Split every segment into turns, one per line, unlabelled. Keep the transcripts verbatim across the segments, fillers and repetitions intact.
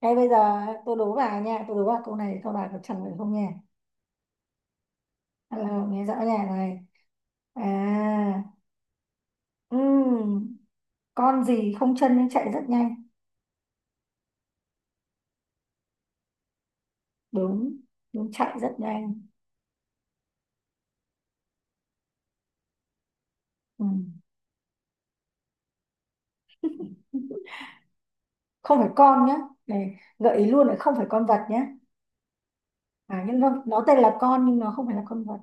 Thế bây giờ tôi đố bà nha, tôi đố bà câu này, câu bà có trả lời không nha? À, nghe rõ nha này. À, ừm, con gì không chân nhưng chạy rất nhanh? Đúng, đúng, chạy rất nhanh. Ừm. Không phải con nhá. Này, gợi ý luôn là không phải con vật nhá. À, nhưng nó, nó tên là con nhưng nó không phải là con vật.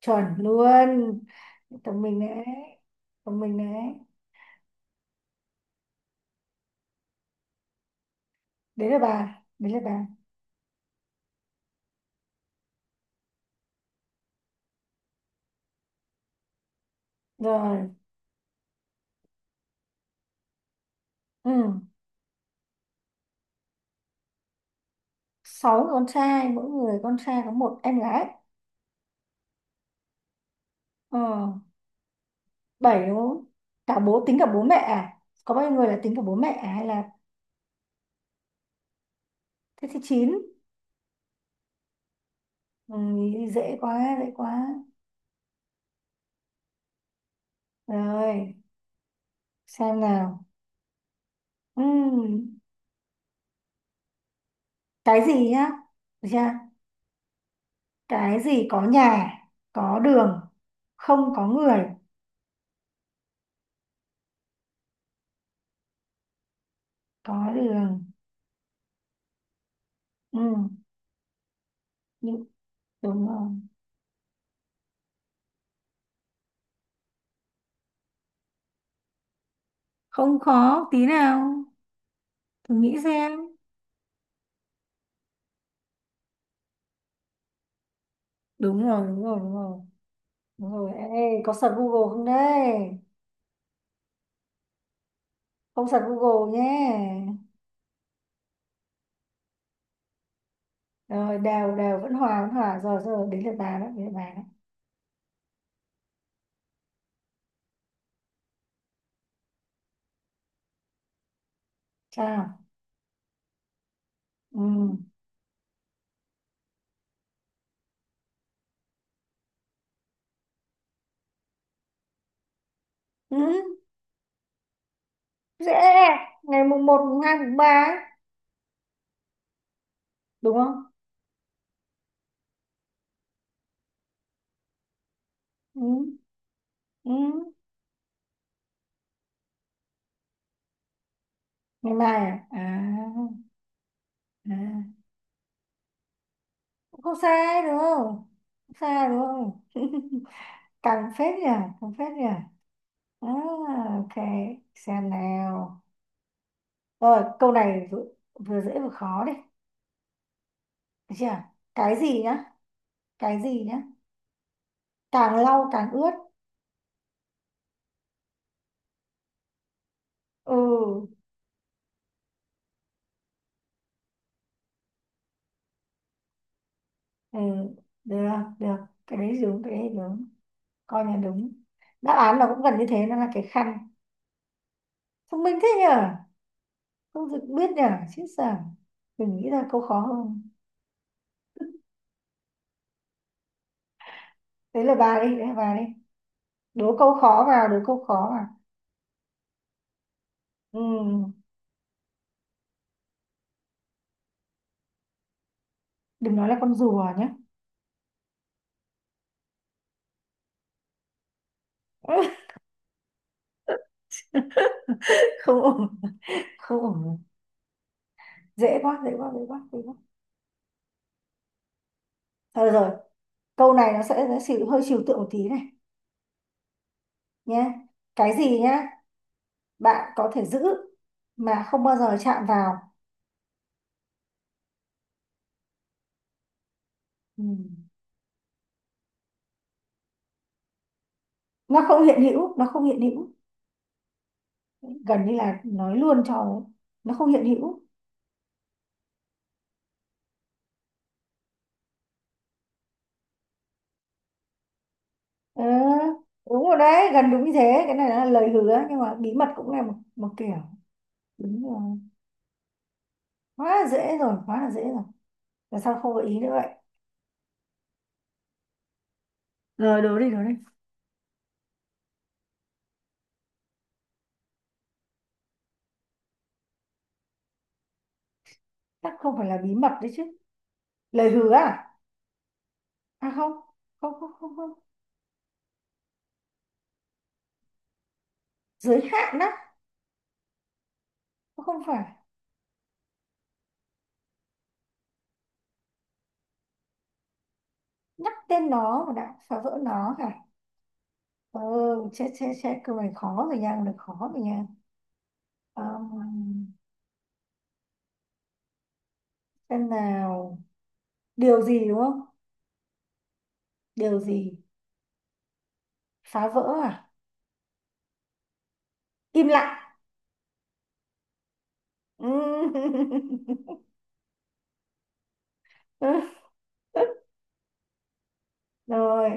Chuẩn luôn. Thông minh đấy. Thông minh đấy. Đấy là bà, đấy là bà. Rồi, ừm, sáu người con trai, mỗi người con trai có một em gái. Ờ, bảy đúng không? Cả bố Tính cả bố mẹ à? Có bao nhiêu người, là tính cả bố mẹ à? Hay là thế thì chín. Ừ, dễ quá, dễ quá. Rồi, xem nào. Ừm, cái gì nhá? Được chưa? Cái gì có nhà, có đường, không có người? Có đường. Ừm, nhưng- Đúng rồi. Không khó tí nào, thử nghĩ xem. Đúng rồi, đúng rồi, đúng rồi. Đúng rồi, ê, có search Google không đấy? Không search Google nhé. Rồi, đều đều vẫn hòa, vẫn hòa rồi. Rồi đến lượt bà đó, đến lượt bà đó. Sao? Ừ. Ừ. Dễ. Ngày mùng một, mùng hai, mùng ba ấy, đúng không? Ừ. Ừ. Ngày mai à, à, à. Cũng không sai đúng không? Không sai đúng không? Càng phết nhỉ, càng phết nhỉ. À, ok, xem nào. Rồi câu này vừa, vừa dễ vừa khó đấy, được chưa? Cái gì nhá? Cái gì nhá? Càng lau càng ướt. Ừ. Ừ, được, được. Cái đấy đúng, cái đấy đúng, coi là đúng. Đáp án là cũng gần như thế, nó là cái khăn. Thông minh thế nhở, không được biết nhở, chứ sợ mình nghĩ ra câu khó hơn. Đấy là bà đi, đấy là bà đi. Đố câu khó vào, đố câu khó vào. Ừ, đừng nói là con rùa nhé. Không ổn, không ổn. Dễ quá, dễ quá, dễ quá, dễ quá. Thôi được rồi, câu này nó sẽ nó chịu hơi trừu tượng một tí này nhé. Cái gì nhá? Bạn có thể giữ mà không bao giờ chạm vào. Ừ. Nó không hiện hữu, nó không hiện hữu. Gần như là nói luôn cho ấy. Nó không hiện hữu. Ờ, đúng rồi đấy, gần đúng như thế. Cái này là lời hứa, nhưng mà bí mật cũng là một, một kiểu. Đúng rồi. Quá là dễ rồi, quá là dễ rồi. Tại sao không gợi ý nữa vậy? Rồi đố đi, đố đi. Chắc không phải là bí mật đấy chứ? Lời hứa à? À không, không, không, không, không. Giới hạn á? Không phải. Nhắc tên nó mà đã phá vỡ nó hả? Ờ, chết, chết, chết, câu này khó rồi nha, câu này khó rồi nha. Ờ, xem nào. Điều gì đúng không? Điều. Ừ. Gì? Phá vỡ à? Im lặng. Rồi,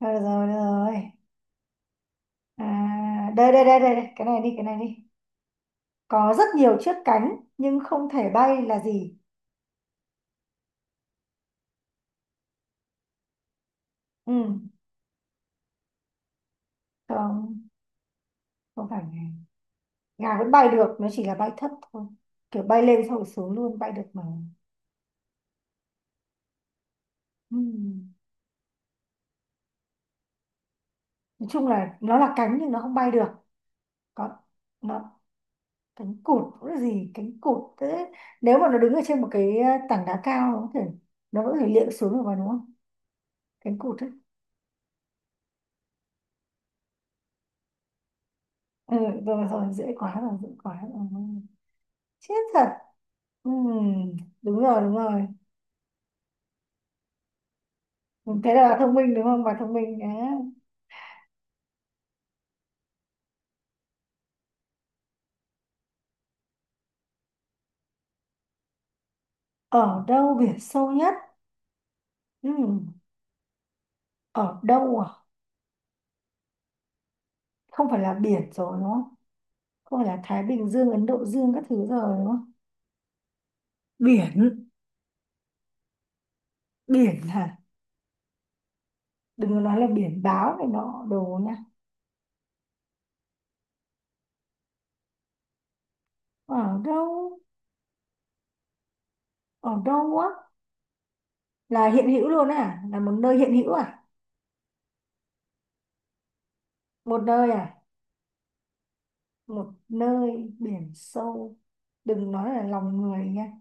rồi, rồi, rồi. À, đây, đây, đây, đây, đây, cái này đi, cái này đi. Có rất nhiều chiếc cánh nhưng không thể bay là gì? Ừ. Không, không phải gà. Gà vẫn bay được, nó chỉ là bay thấp thôi, kiểu bay lên xong rồi xuống luôn, bay được mà. Ừ. Nói chung là nó là cánh nhưng nó không bay được. Còn. Nó. Cánh cụt nó gì cánh cụt thế, nếu mà nó đứng ở trên một cái ờ, tảng đá cao, nó có thể nó có thể liệng xuống được vào, đúng không? Cánh cụt ấy. Ừ, rồi rồi, dễ quá rồi, dễ quá rồi. Chết thật. Ừm, Đúng rồi, đúng rồi. Ừ, thế là bà thông minh, đúng không? Bà thông minh á. Ở đâu biển sâu nhất? Ừm, Ở đâu à? Không phải là biển rồi đúng không? Không phải là Thái Bình Dương, Ấn Độ Dương các thứ rồi đúng không? Biển. Biển hả? Đừng có nói là biển báo này nọ đồ nha. Ở đâu? Ở đâu á? Là hiện hữu luôn à, là một nơi hiện hữu à? Một nơi à? Một nơi biển sâu. Đừng nói là lòng người nha,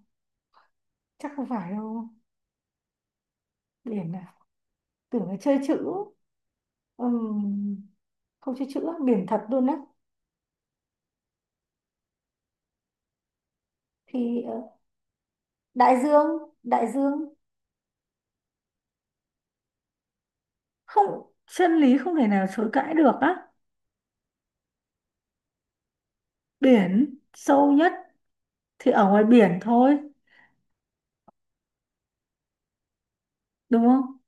chắc không phải đâu. Biển à? Tưởng là chơi chữ. Ừm, Không chơi chữ, biển thật luôn á? Thì ờ, đại dương, đại dương. Không. Chân lý không thể nào chối cãi được á? Biển sâu nhất thì ở ngoài biển thôi, đúng không?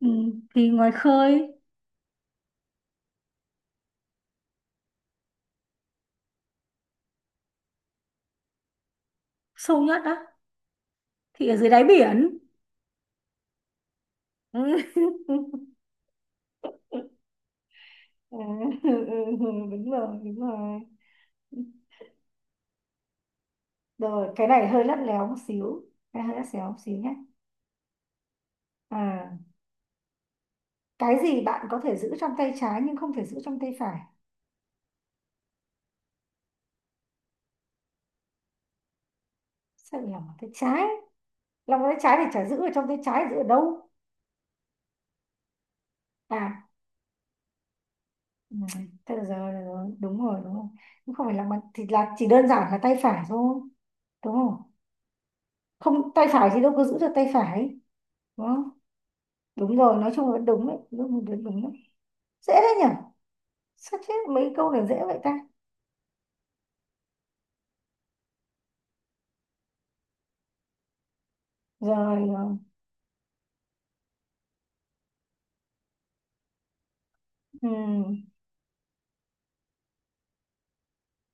Ừm, thì ngoài khơi. Sâu nhất á thì ở dưới đáy biển. À, ừ, ừ, đúng rồi, đúng rồi. Rồi, cái này hơi lắt léo một xíu, cái hơi lắt léo một xíu nhé. à cái gì bạn có thể giữ trong tay trái nhưng không thể giữ trong tay phải? Sao lại lòng bàn tay trái? Lòng bàn tay trái thì chả giữ ở trong tay trái, giữ ở đâu? À. Ừ, thế được rồi, được rồi, đúng rồi, đúng rồi. Nhưng không phải lòng bàn thì là chỉ đơn giản là tay phải thôi, đúng không? Không, tay phải thì đâu có giữ được tay phải, đúng không? Đúng rồi, nói chung là đúng đấy, đúng đúng đúng đấy. Dễ đấy nhỉ, sao chết mấy câu này dễ vậy ta? Rồi, rồi. Ừ.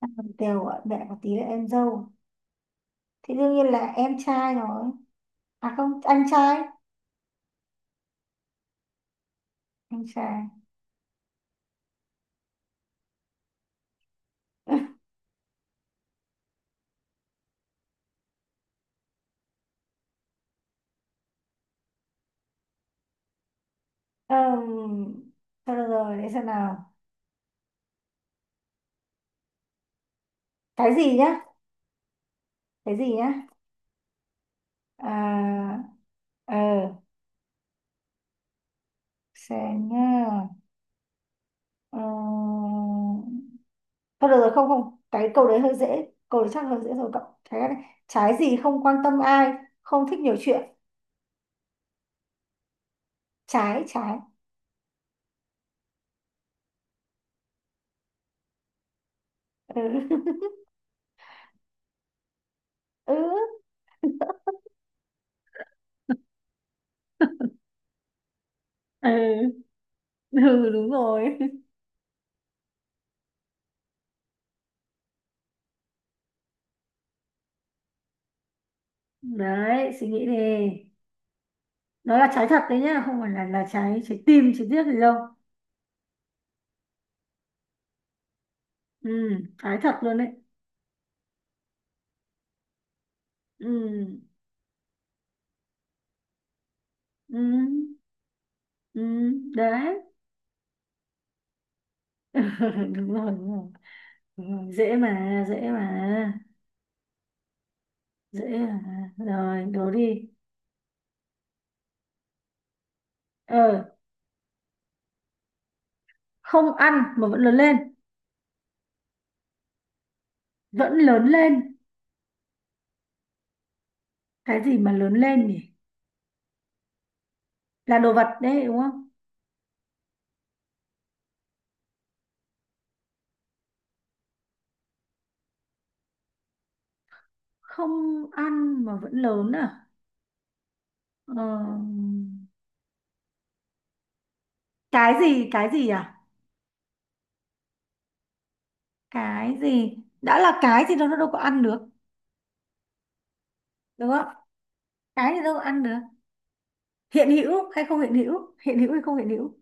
Làm Đều gọi mẹ một tí là em dâu thì đương nhiên là em trai rồi. À không, anh trai. Anh trai. um, Thôi được rồi, để xem nào. Cái gì nhá? Cái gì nhá? à ờ xem nhá. Ờ, thôi được rồi, không không, cái câu đấy hơi dễ, câu đấy chắc hơi dễ rồi cậu. Cái này trái gì không quan tâm ai, không thích nhiều chuyện. Trái, trái. Ừ. Ừ. Ừ, ừ, đúng rồi đấy, suy nghĩ đi. Nó là trái thật đấy nhá, không phải là là trái, trái tim, trái tiếc gì đâu. Ừ, trái thật luôn đấy. Ừ. Ừ. Ừ. Đấy. Đúng rồi, đúng rồi. Đúng rồi, dễ mà, dễ mà. Dễ mà, rồi đố đi. Ờ, không ăn mà vẫn lớn lên? Vẫn lớn lên. Cái gì mà lớn lên nhỉ? Là đồ vật đấy đúng không? Không ăn mà vẫn lớn à? Ờ, cái gì? Cái gì à? Cái gì đã là cái thì nó nó đâu có ăn được, đúng không? Cái thì đâu có ăn được. Hiện hữu hay không hiện hữu, hiện hữu hay không hiện hữu?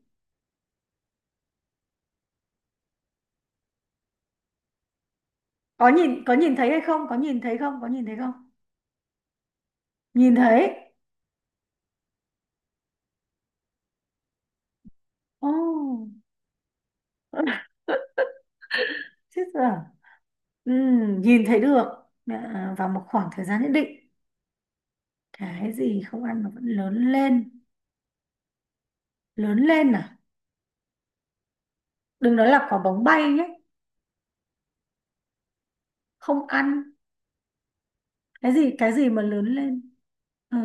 có nhìn Có nhìn thấy hay không, có nhìn thấy không, có nhìn thấy không? Nhìn thấy. Ồ, oh, chết rồi. Ừm, nhìn thấy được. À, vào một khoảng thời gian nhất định. Cái gì không ăn mà vẫn lớn lên? Lớn lên à? Đừng nói là quả bóng bay nhé. Không ăn. Cái gì, cái gì mà lớn lên? Ừ.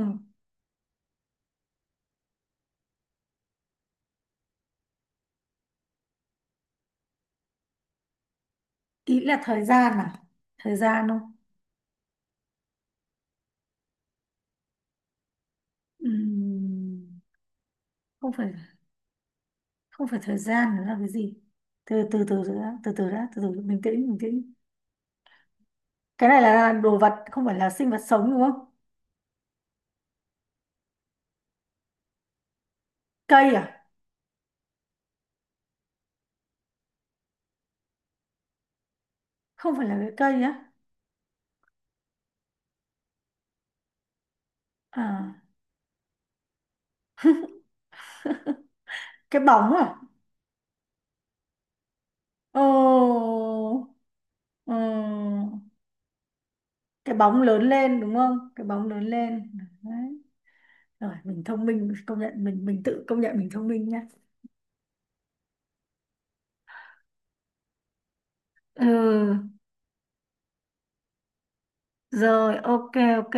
Ý là thời gian à? Thời gian không? Ừm không phải không phải thời gian, nó là cái gì? Từ từ, từ từ đã, từ từ đã, từ từ, bình tĩnh, bình tĩnh. Cái này là đồ vật, không phải là sinh vật sống, đúng không? Cây à? Không phải là cái cây á? À, cái bóng à? Ồ. Ừ. Cái bóng lớn lên đúng không, cái bóng lớn lên. Đấy. Rồi, mình thông minh, công nhận mình mình tự công nhận mình thông minh nhá. Ừ, rồi, ok, ok.